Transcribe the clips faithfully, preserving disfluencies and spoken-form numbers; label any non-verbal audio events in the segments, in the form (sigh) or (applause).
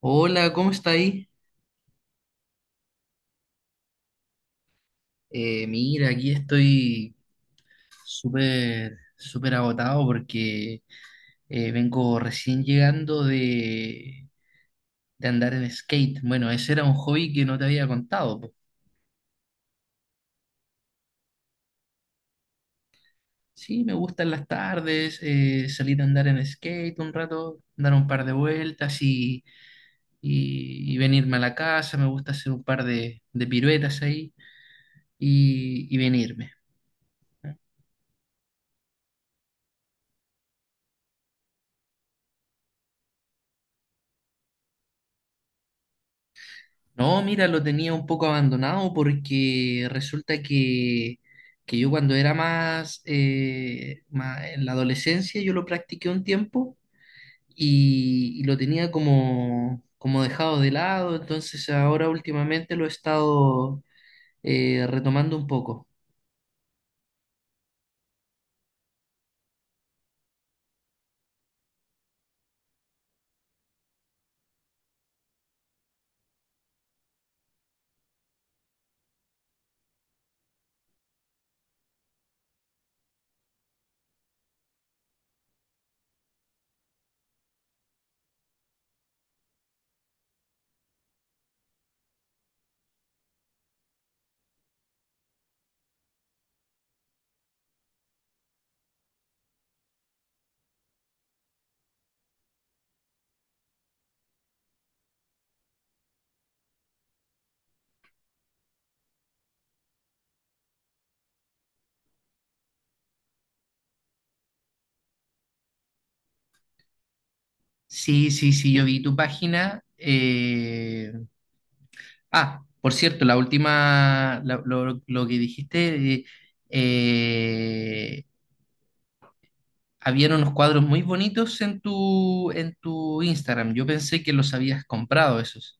Hola, ¿cómo está ahí? Eh, mira, aquí estoy súper, súper agotado porque eh, vengo recién llegando de, de andar en skate. Bueno, ese era un hobby que no te había contado. Po. Sí, me gustan las tardes, eh, salir a andar en skate un rato, dar un par de vueltas y, y- y venirme a la casa. Me gusta hacer un par de, de piruetas ahí y, y venirme. No, mira, lo tenía un poco abandonado porque resulta que, que yo cuando era más, eh, más en la adolescencia yo lo practiqué un tiempo y, y lo tenía como, como dejado de lado, entonces ahora últimamente lo he estado eh, retomando un poco. Sí, sí, sí, yo vi tu página. eh, Ah, por cierto, la última, la- lo, lo que dijiste... eh, eh, Habían unos cuadros muy bonitos en tu, en tu Instagram. Yo pensé que los habías comprado esos.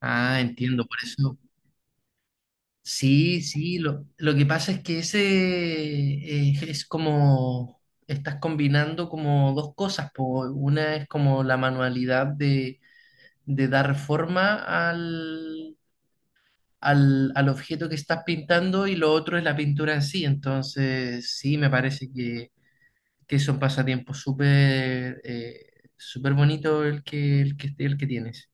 Ah, entiendo, por eso. Sí, sí, lo, lo que pasa es que ese eh, es como, estás combinando como dos cosas. Po. Una es como la manualidad de, de dar forma al, al, al objeto que estás pintando y lo otro es la pintura en sí. Entonces, sí, me parece que que son pasatiempos súper eh, súper bonito el que, el que, el que tienes.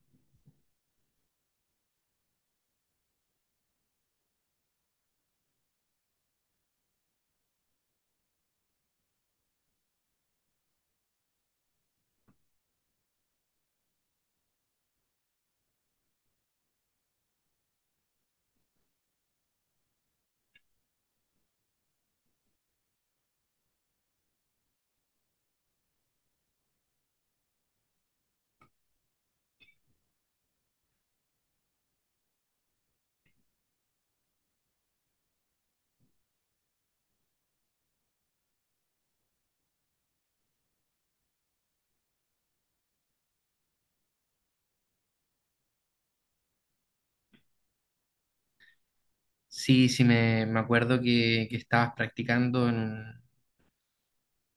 Sí, sí, me, me acuerdo que, que estabas practicando en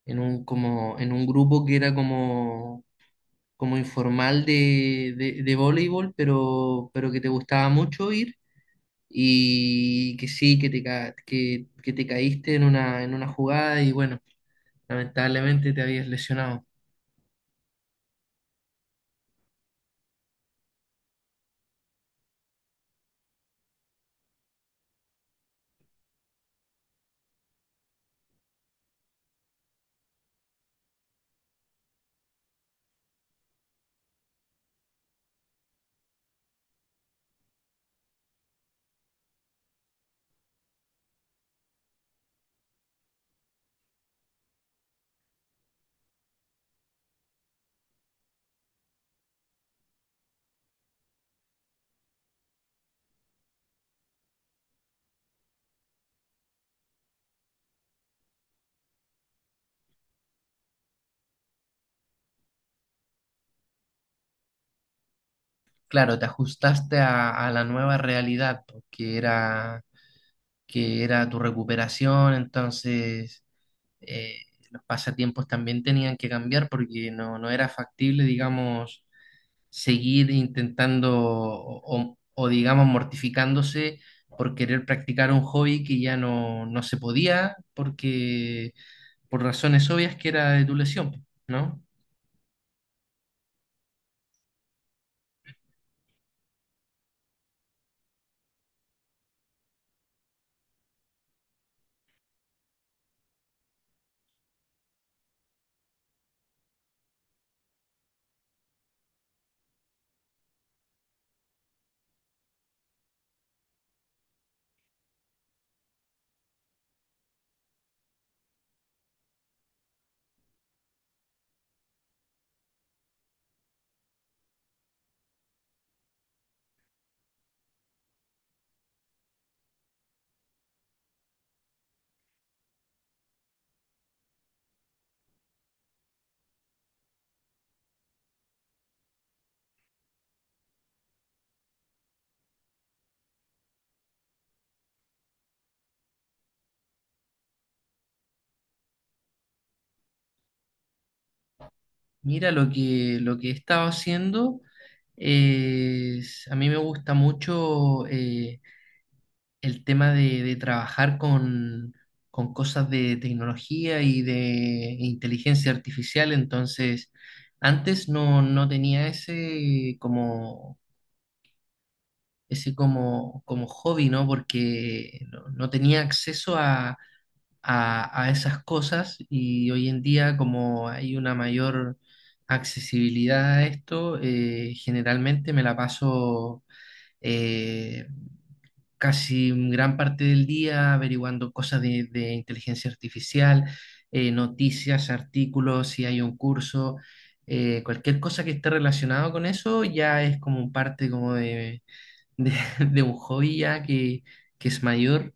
en un, como, en un grupo que era como, como informal de, de, de voleibol, pero, pero que te gustaba mucho ir y que sí, que te, ca- que, que te caíste en una, en una jugada y bueno, lamentablemente te habías lesionado. Claro, te ajustaste a, a la nueva realidad, pues, que era, que era tu recuperación, entonces eh, los pasatiempos también tenían que cambiar porque no, no era factible, digamos, seguir intentando o, o- o, digamos, mortificándose por querer practicar un hobby que ya no, no se podía porque por razones obvias que era de tu lesión, ¿no? Mira, lo que, lo que he estado haciendo es, a mí me gusta mucho eh, el tema de, de trabajar con, con cosas de tecnología y de inteligencia artificial. Entonces, antes no, no tenía ese como, ese como, como hobby, ¿no? Porque no, no tenía acceso a, a, a esas cosas y hoy en día como hay una mayor accesibilidad a esto, eh, generalmente me la paso eh, casi gran parte del día averiguando cosas de, de inteligencia artificial, eh, noticias, artículos, si hay un curso. Eh, cualquier cosa que esté relacionado con eso ya es como parte como de, de, (laughs) de un hobby ya que, que es mayor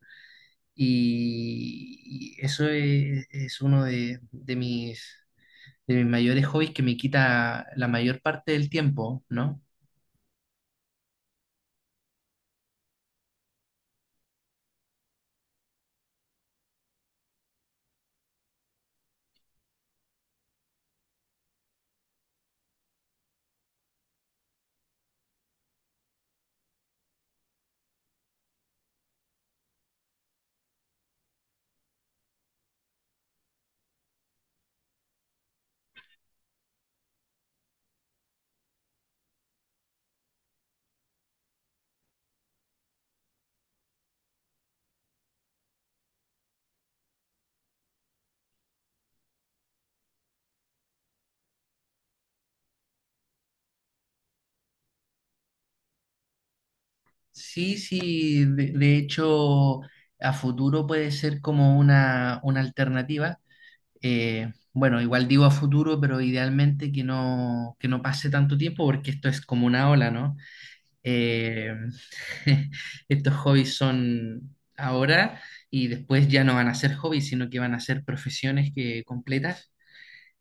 y, y eso es, es uno de, de mis, de mis mayores hobbies que me quita la mayor parte del tiempo, ¿no? Sí, sí, de, de hecho, a futuro puede ser como una, una alternativa. Eh, bueno, igual digo a futuro, pero idealmente que no, que no pase tanto tiempo porque esto es como una ola, ¿no? Eh, (laughs) estos hobbies son ahora y después ya no van a ser hobbies, sino que van a ser profesiones que completas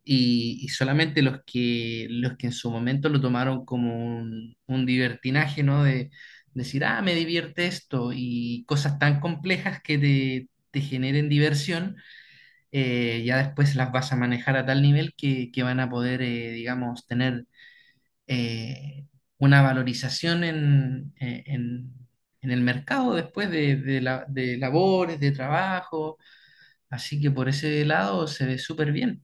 y, y solamente los que, los que en su momento lo tomaron como un, un divertinaje, ¿no? De decir, ah, me divierte esto y cosas tan complejas que te, te generen diversión, eh, ya después las vas a manejar a tal nivel que, que van a poder, eh, digamos, tener eh, una valorización en, eh, en- en el mercado después de, de la- de labores, de trabajo. Así que por ese lado se ve súper bien.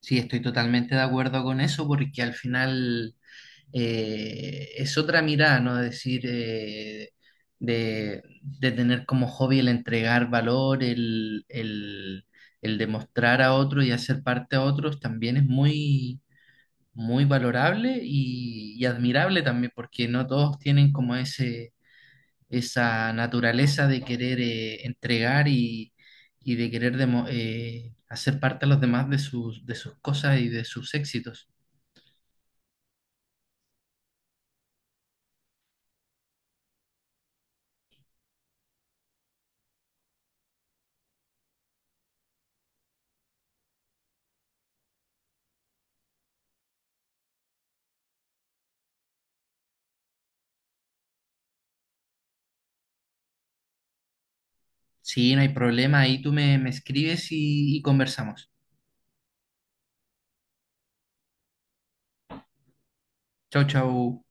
Sí, estoy totalmente de acuerdo con eso porque al final eh, es otra mirada, ¿no? Decir, eh, de, de tener como hobby el entregar valor, el, el, el demostrar a otro y hacer parte a otros, también es muy muy valorable y, y admirable también, porque no todos tienen como ese, esa naturaleza de querer eh, entregar y, y de querer demo- eh, hacer parte a los demás de sus, de sus cosas y de sus éxitos. Sí, no hay problema, ahí tú me, me escribes y, y conversamos. Chau, chau.